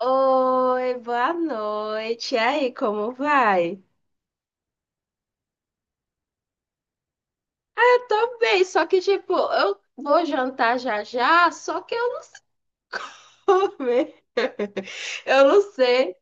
Oi, boa noite. E aí, como vai? Eu tô bem, só que tipo, eu vou jantar já já, só que eu não vou comer. Eu não sei.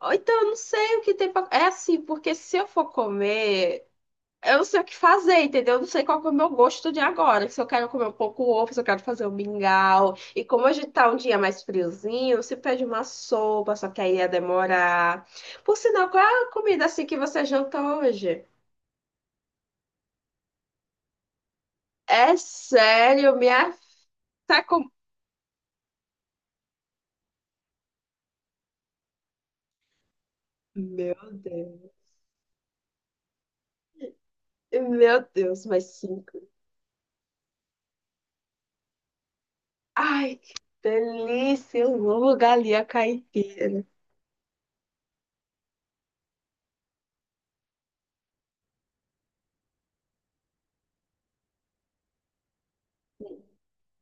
Ou então eu não sei o que tem pra... É assim, porque se eu for comer, eu não sei o que fazer, entendeu? Eu não sei qual que é o meu gosto de agora. Se eu quero comer um pouco ovo, se eu quero fazer um mingau. E como hoje tá um dia mais friozinho, se pede uma sopa, só que aí ia demorar. Por sinal, qual é a comida assim que você jantou hoje? É sério, minha. Tá com... Meu Deus. Meu Deus, mais cinco. Ai, que delícia. Eu amo galinha caipira.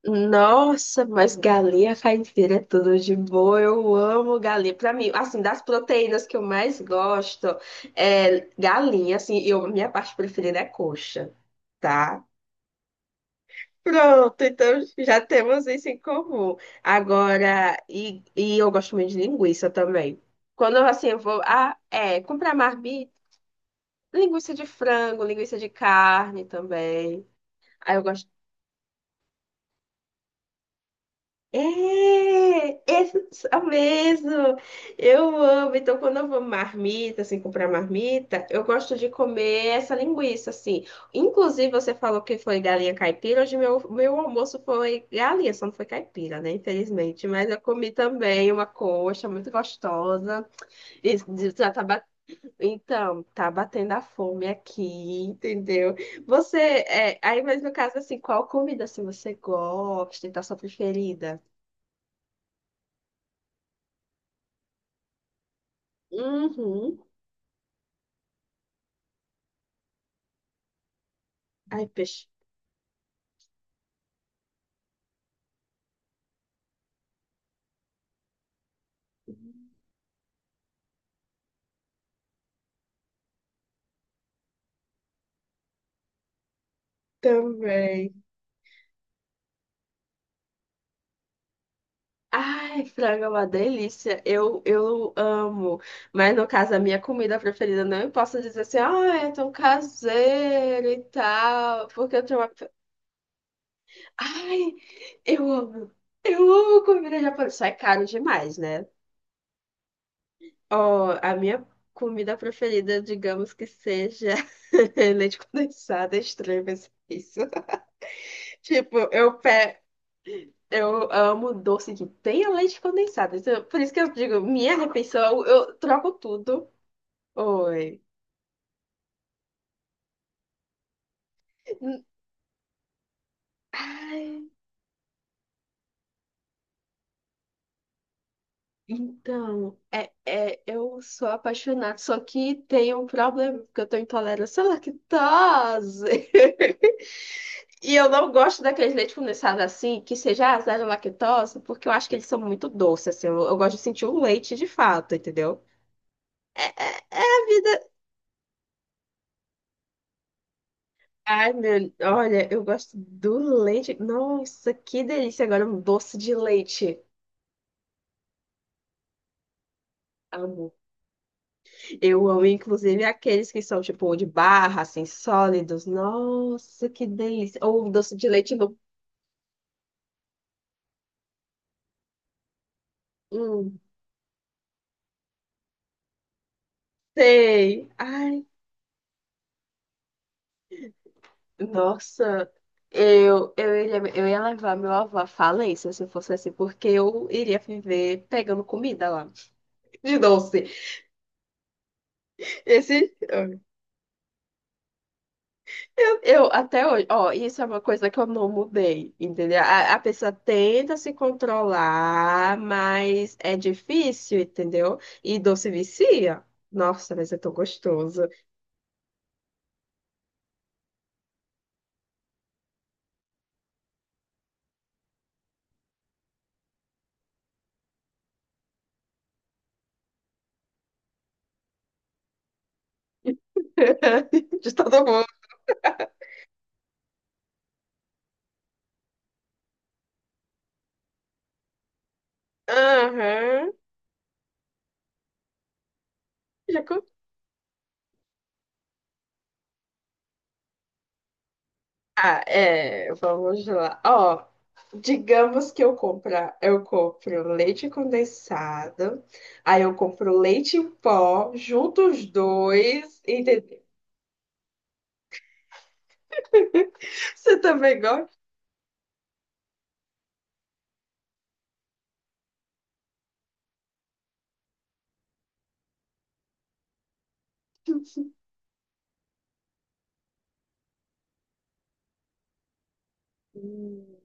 Nossa, mas galinha caipira é tudo de bom. Eu amo galinha. Pra mim, assim, das proteínas que eu mais gosto é galinha, assim, eu, minha parte preferida é coxa. Tá? Pronto, então já temos isso em comum. Agora, e eu gosto muito de linguiça também. Quando eu, assim, eu vou comprar marmita, linguiça de frango, linguiça de carne também. Aí eu gosto. É, esse é o mesmo. Eu amo. Então, quando eu vou marmita, assim, comprar marmita, eu gosto de comer essa linguiça, assim. Inclusive, você falou que foi galinha caipira. Hoje, meu almoço foi galinha, só não foi caipira, né? Infelizmente. Mas eu comi também uma coxa muito gostosa. E já tá bat... Então, tá batendo a fome aqui, entendeu? Você, é, aí, mas no caso, assim, qual comida, assim você gosta e tá sua preferida? Uhum. Ai, peixe. Também. Ai, frango é uma delícia. Eu amo. Mas no caso, a minha comida preferida, não posso dizer assim, ah, é tão caseiro e tal. Porque eu tenho uma. Ai, eu amo. Eu amo comida japonesa. Só é caro demais, né? Ó, a minha comida preferida, digamos que seja leite condensado, é estranho, mas é isso. Tipo, eu pego. Eu amo doce que tenha leite condensado. Isso- por isso que eu digo, minha refeição, eu troco tudo. Oi. Hum, Ai, então, é, é, eu sou apaixonada, só que tem um problema, porque eu tô intolerância à lactose. E eu não gosto daqueles leite condensado assim, que seja zero lactose, porque eu acho que eles são muito doces, assim. Eu gosto de sentir o leite de fato, entendeu? É, é, é a vida. Ai, meu, olha, eu gosto do leite. Nossa, que delícia! Agora um doce de leite. Amo. Eu amo, inclusive, aqueles que são tipo de barra, assim, sólidos. Nossa, que delícia! Ou um doce de leite no. Hum, sei. Ai, nossa. Eu ia levar meu avô à falência se fosse assim, porque eu iria viver pegando comida lá, de doce. Esse. Eu até hoje, ó, isso é uma coisa que eu não mudei, entendeu? A pessoa tenta se controlar, mas é difícil, entendeu? E doce vicia. Nossa, mas é tão gostoso. De todo mundo. Aham. Já com... Ah, é, vamos lá. Ó, digamos que eu compra, eu compro leite condensado, aí eu compro leite em pó, junto os dois, entendeu? Você também gosta? Você-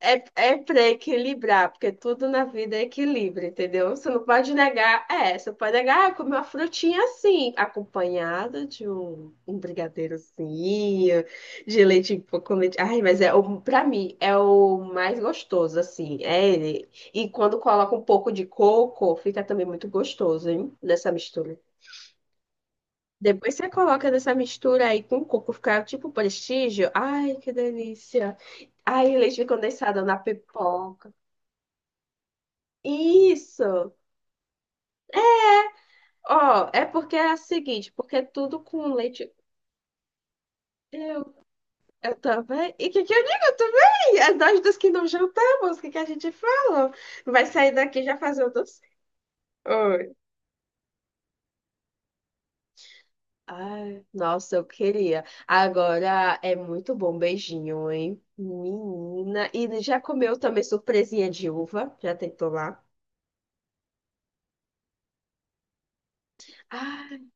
É, é para equilibrar, porque tudo na vida é equilíbrio, entendeu? Você não pode negar, é, você pode negar, ah, comer uma frutinha assim, acompanhada de um brigadeirozinho, de leite em pó com leite. Ai, mas é, o- pra mim, é o mais gostoso, assim, é ele. E quando coloca um pouco de coco, fica também muito gostoso, hein? Nessa mistura. Depois você coloca nessa mistura aí com coco, fica tipo prestígio. Ai, que delícia. Ai, leite condensado na pipoca. Isso. Ó, é porque é a seguinte, porque é tudo com leite. Eu, eu também. E o que que eu digo? Eu também. É nós dos que não jantamos, o que que a gente fala? Vai sair daqui já fazendo. Doce. Ai, nossa, eu queria. Agora é muito bom beijinho, hein? Menina. E já comeu também surpresinha de uva? Já tentou lá? Ai,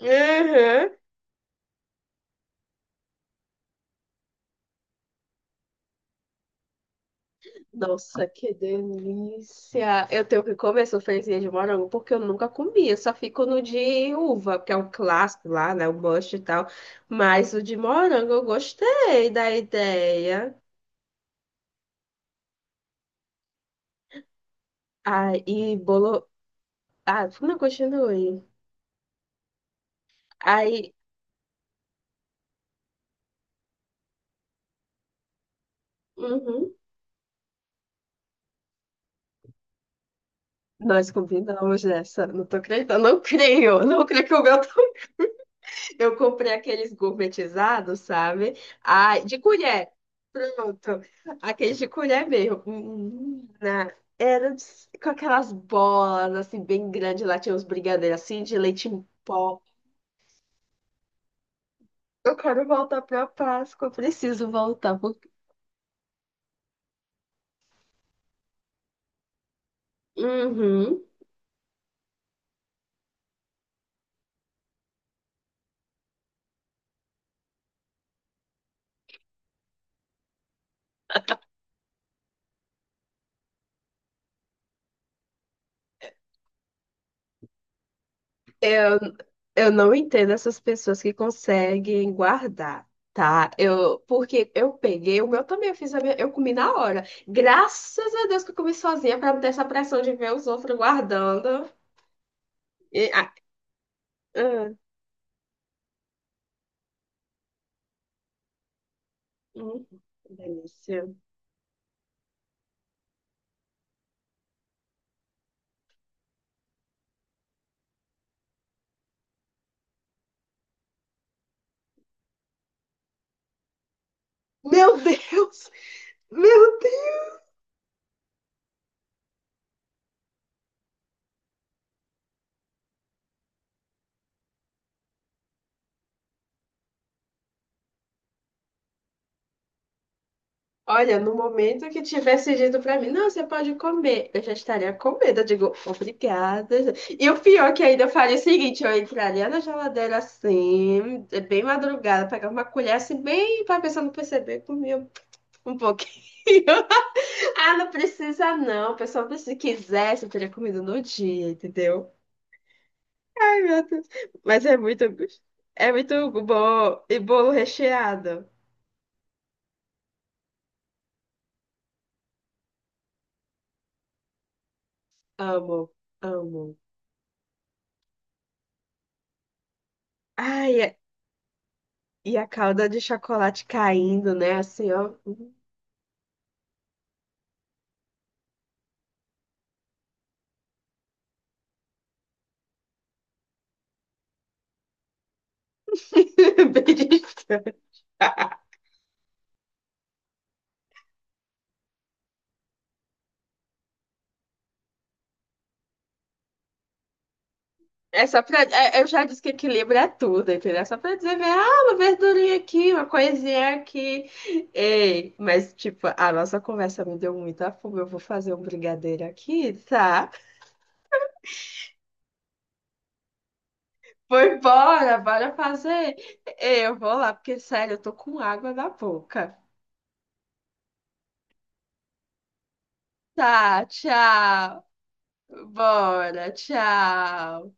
uhum. Nossa, que delícia! Eu tenho que comer surpresinha de morango porque eu nunca comi. Eu só fico no de uva, que é um clássico lá, né? O must e tal. Mas o de morango eu gostei da ideia. Ai, e bolo. Ah, não, continue. Aí. Uhum. Nós combinamos essa. Não tô acreditando, não creio. Não creio que o meu. Tá- Eu comprei aqueles gourmetizados, sabe? Ai, de colher. Pronto. Aqueles de colher mesmo. Menina, era de- com aquelas bolas, assim, bem grandes. Lá tinha uns brigadeiros, assim, de leite em pó. Eu quero voltar pra Páscoa. Eu preciso voltar. Porque- Uhum. Eu, eu não entendo essas pessoas que conseguem guardar, tá? Eu, porque eu peguei, o meu também, eu fiz a minha, eu comi na hora. Graças a Deus que eu comi sozinha para não ter essa pressão de ver os outros guardando. E, ah, ah, hum, delícia. Meu Deus! Meu Deus! Olha, no momento que tivesse dito pra mim, não, você pode comer, eu já estaria com medo. Eu digo, obrigada. E o pior que ainda eu faria é o seguinte: eu entraria na geladeira assim, é bem madrugada, pegar uma colher assim, bem pra pessoa não perceber, comia um pouquinho. Ah, não precisa não, pessoal, se quisesse, eu teria comido no dia, entendeu? Ai, meu Deus. Mas é muito bom. E bolo recheado. Amo, amo. Ai, é- E a calda de chocolate caindo, né? Assim, ó. Beliscando. É só pra. É- Eu já disse que equilíbrio é tudo, entendeu? É só pra dizer, né? Ah, uma verdurinha aqui, uma coisinha aqui. Ei, mas, tipo, a nossa conversa me deu muita fome. Eu vou fazer um brigadeiro aqui, tá? Foi embora, bora fazer. Ei, eu vou lá, porque, sério, eu tô com água na boca. Tá, tchau. Bora, tchau.